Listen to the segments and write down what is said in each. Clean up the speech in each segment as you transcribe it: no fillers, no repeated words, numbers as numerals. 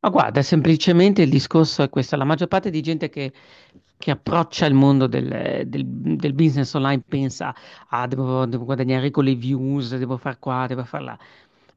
Ma guarda, semplicemente il discorso è questo, la maggior parte di gente che approccia il mondo del business online pensa, ah, devo guadagnare con le views, devo far qua, devo far là,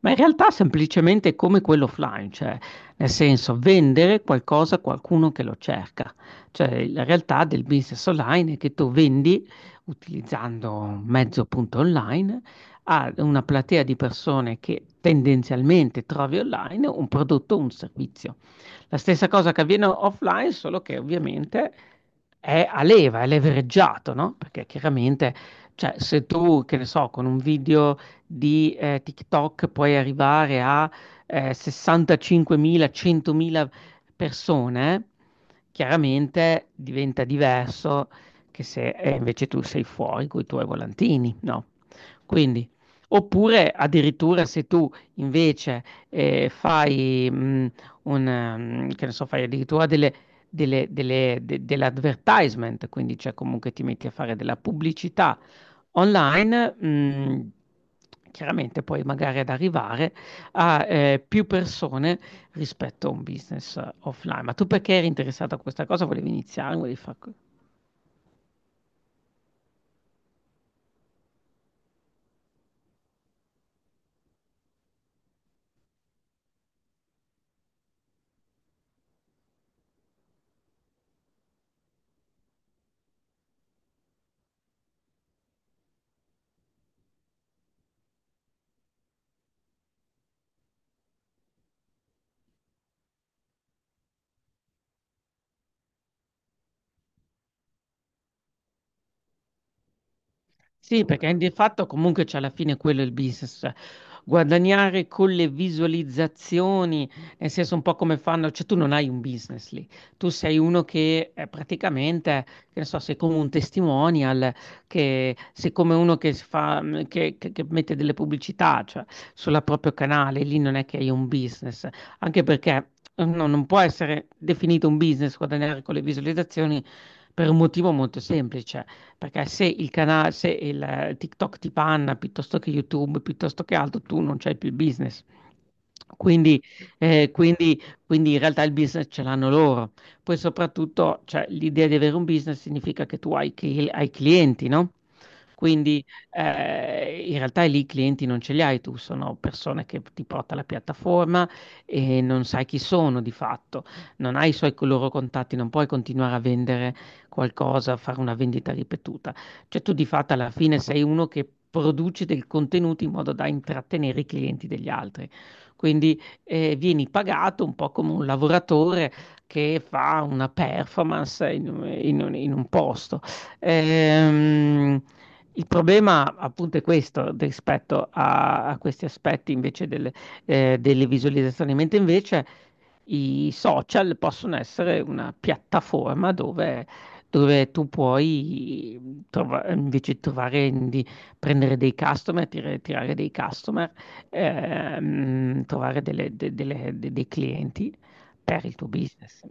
ma in realtà semplicemente è come quello offline, cioè nel senso vendere qualcosa a qualcuno che lo cerca, cioè la realtà del business online è che tu vendi utilizzando un mezzo appunto online a una platea di persone che tendenzialmente trovi online un prodotto o un servizio. La stessa cosa che avviene offline, solo che ovviamente è a leva, è levereggiato, no? Perché chiaramente, cioè, se tu, che ne so, con un video di TikTok puoi arrivare a 65.000, 100.000 persone, chiaramente diventa diverso che se invece tu sei fuori con i tuoi volantini, no? Quindi. Oppure addirittura se tu invece fai, che ne so, fai addirittura dell'advertisement, quindi cioè comunque ti metti a fare della pubblicità online, chiaramente poi magari ad arrivare a più persone rispetto a un business offline. Ma tu perché eri interessato a questa cosa? Volevi iniziare? Volevi fare. Sì, perché di fatto comunque c'è alla fine quello è il business, cioè guadagnare con le visualizzazioni, nel senso un po' come fanno, cioè tu non hai un business lì, tu sei uno che praticamente, che ne so, sei come un testimonial, che sei come uno che, si fa, che mette delle pubblicità, cioè sul proprio canale, lì non è che hai un business, anche perché no, non può essere definito un business guadagnare con le visualizzazioni per un motivo molto semplice perché se il canale, se il TikTok ti panna piuttosto che YouTube, piuttosto che altro, tu non c'hai più il business. Quindi, quindi in realtà il business ce l'hanno loro. Poi soprattutto, cioè, l'idea di avere un business significa che tu hai clienti, no? Quindi in realtà lì i clienti non ce li hai tu, sono persone che ti porta la piattaforma e non sai chi sono di fatto, non hai i loro contatti, non puoi continuare a vendere qualcosa, fare una vendita ripetuta. Cioè tu di fatto alla fine sei uno che produce del contenuto in modo da intrattenere i clienti degli altri. Quindi vieni pagato un po' come un lavoratore che fa una performance in un posto. Ehm, il problema appunto è questo rispetto a questi aspetti invece delle visualizzazioni, mentre invece i social possono essere una piattaforma dove tu puoi invece trovare di prendere dei customer, tirare dei customer, trovare dei clienti per il tuo business.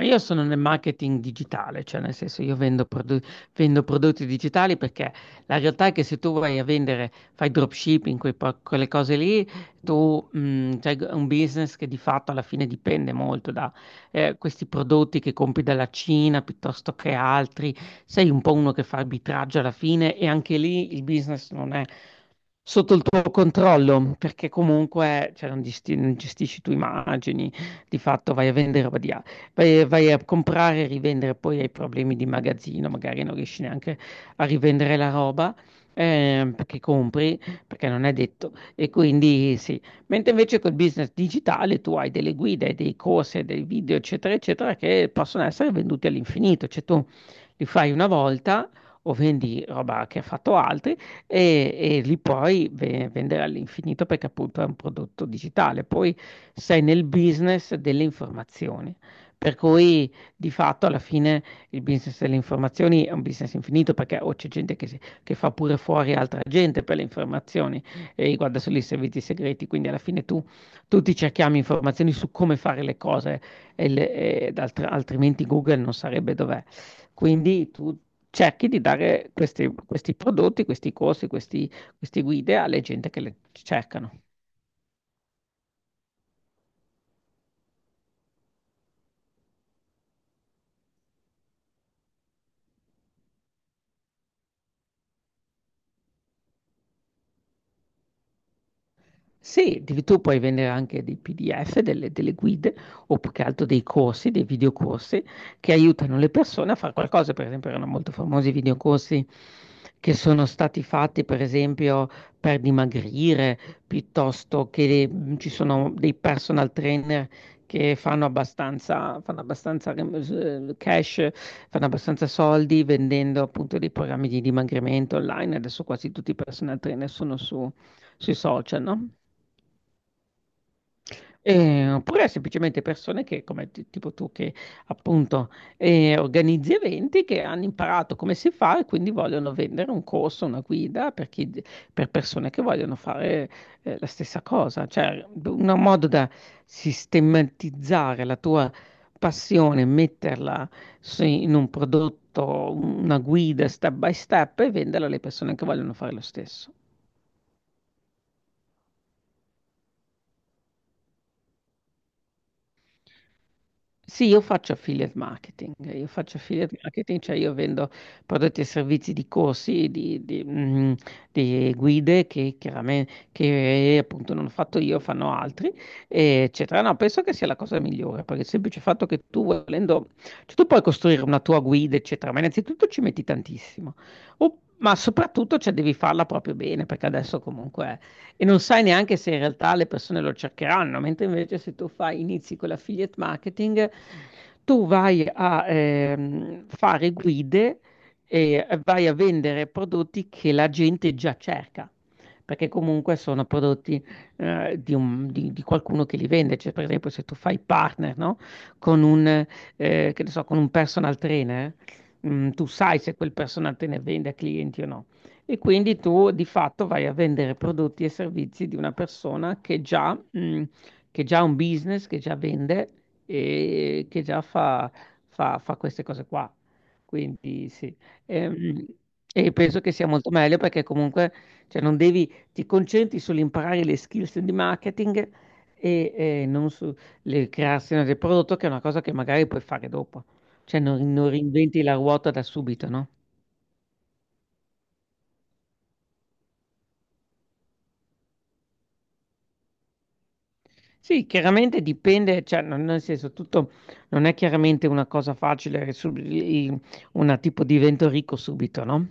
Ma io sono nel marketing digitale, cioè nel senso io vendo prodotti digitali perché la realtà è che se tu vai a vendere, fai dropshipping, quelle cose lì, tu c'hai un business che di fatto alla fine dipende molto da questi prodotti che compri dalla Cina piuttosto che altri, sei un po' uno che fa arbitraggio alla fine e anche lì il business non è sotto il tuo controllo perché comunque cioè, non gestisci tu immagini, di fatto vai a vendere roba . Vai a comprare e rivendere, poi hai problemi di magazzino, magari non riesci neanche a rivendere la roba perché compri, perché non è detto. E quindi sì, mentre invece col business digitale tu hai delle guide, hai dei corsi, hai dei video, eccetera, eccetera, che possono essere venduti all'infinito, cioè tu li fai una volta. O vendi roba che ha fatto altri e li puoi vendere all'infinito perché appunto è un prodotto digitale. Poi sei nel business delle informazioni. Per cui di fatto alla fine il business delle informazioni è un business infinito perché o c'è gente che fa pure fuori altra gente per le informazioni e riguarda solo i servizi segreti, quindi alla fine tu tutti cerchiamo informazioni su come fare le cose altrimenti Google non sarebbe dov'è. Quindi tu cerchi di dare questi prodotti, questi corsi, questi, queste guide alle gente che le cercano. Sì, tu puoi vendere anche dei PDF, delle guide o più che altro dei corsi, dei videocorsi che aiutano le persone a fare qualcosa. Per esempio, erano molto famosi i videocorsi che sono stati fatti, per esempio, per dimagrire, piuttosto che ci sono dei personal trainer che fanno abbastanza cash, fanno abbastanza soldi vendendo appunto dei programmi di dimagrimento online. Adesso quasi tutti i personal trainer sono sui social, no? Oppure semplicemente persone che, come tipo tu, che appunto organizzi eventi che hanno imparato come si fa e quindi vogliono vendere un corso, una guida per persone che vogliono fare la stessa cosa. Cioè, un modo da sistematizzare la tua passione, metterla in un prodotto, una guida step by step e venderla alle persone che vogliono fare lo stesso. Sì, io faccio affiliate marketing, cioè io vendo prodotti e servizi di corsi, di guide che chiaramente che appunto non ho fatto io, fanno altri, eccetera. No, penso che sia la cosa migliore, perché il semplice fatto che tu volendo, cioè tu puoi costruire una tua guida, eccetera, ma innanzitutto ci metti tantissimo, ma soprattutto cioè, devi farla proprio bene, perché adesso comunque e non sai neanche se in realtà le persone lo cercheranno, mentre invece se tu fai, inizi con l'affiliate marketing, tu vai a fare guide e vai a vendere prodotti che la gente già cerca. Perché comunque sono prodotti di qualcuno che li vende. Cioè, per esempio, se tu fai partner, no? Con un, che ne so, con un personal trainer, tu sai se quel personal trainer vende a clienti o no. E quindi tu di fatto vai a vendere prodotti e servizi di una persona che già ha un business, che già vende e che già fa queste cose qua. Quindi sì. Ehm, E penso che sia molto meglio perché comunque cioè, non devi, ti concentri sull'imparare le skills di marketing e, non su le creazione del prodotto, che è una cosa che magari puoi fare dopo. Cioè non reinventi la ruota da subito, no? Sì, chiaramente dipende, cioè nel senso tutto non è chiaramente una cosa facile, una tipo divento ricco subito, no?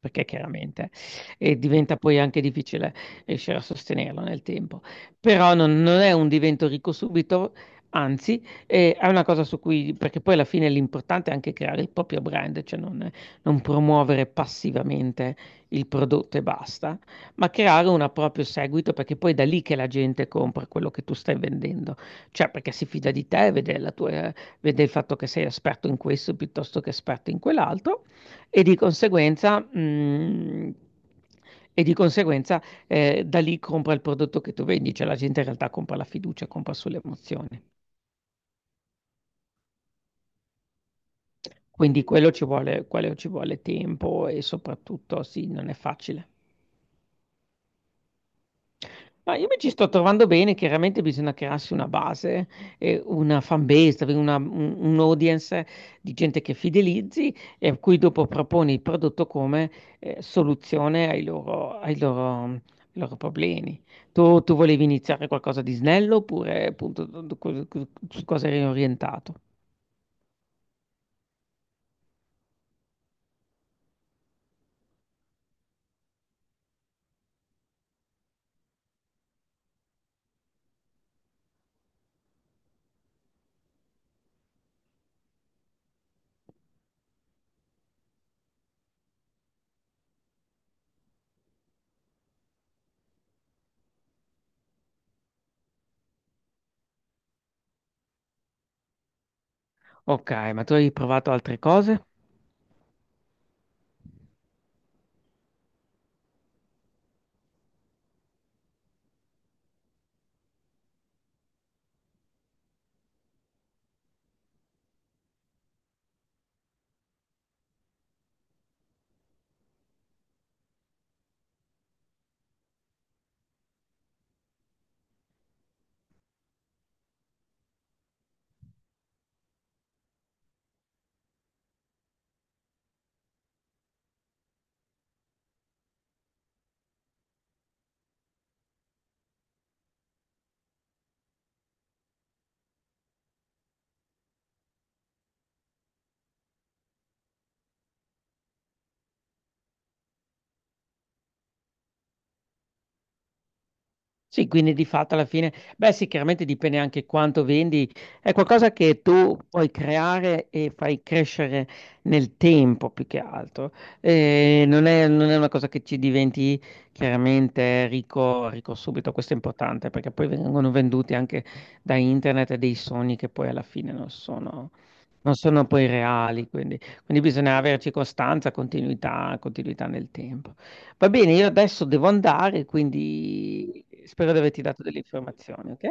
Perché chiaramente, e diventa poi anche difficile riuscire a sostenerlo nel tempo. Però non è un divento ricco subito, anzi, è una cosa su cui, perché poi alla fine l'importante è anche creare il proprio brand, cioè non promuovere passivamente il prodotto e basta. Ma creare un proprio seguito, perché poi è da lì che la gente compra quello che tu stai vendendo, cioè perché si fida di te, vede vede il fatto che sei esperto in questo piuttosto che esperto in quell'altro e di conseguenza, mm, e di conseguenza da lì compra il prodotto che tu vendi, cioè la gente in realtà compra la fiducia, compra sulle emozioni. Quindi quello ci vuole tempo e soprattutto sì, non è facile. Ma io mi ci sto trovando bene, chiaramente bisogna crearsi una base, una fan base, avere un audience di gente che fidelizzi e a cui dopo proponi il prodotto come soluzione ai loro problemi. Tu volevi iniziare qualcosa di snello oppure appunto su cosa eri orientato? Ok, ma tu hai provato altre cose? Sì, quindi di fatto alla fine, beh sì, chiaramente dipende anche quanto vendi, è qualcosa che tu puoi creare e fai crescere nel tempo più che altro. Non è una cosa che ci diventi chiaramente ricco, ricco subito, questo è importante perché poi vengono venduti anche da internet dei sogni che poi alla fine non sono poi reali, quindi, quindi bisogna averci costanza, continuità, continuità nel tempo. Va bene, io adesso devo andare, quindi spero di averti dato delle informazioni, ok?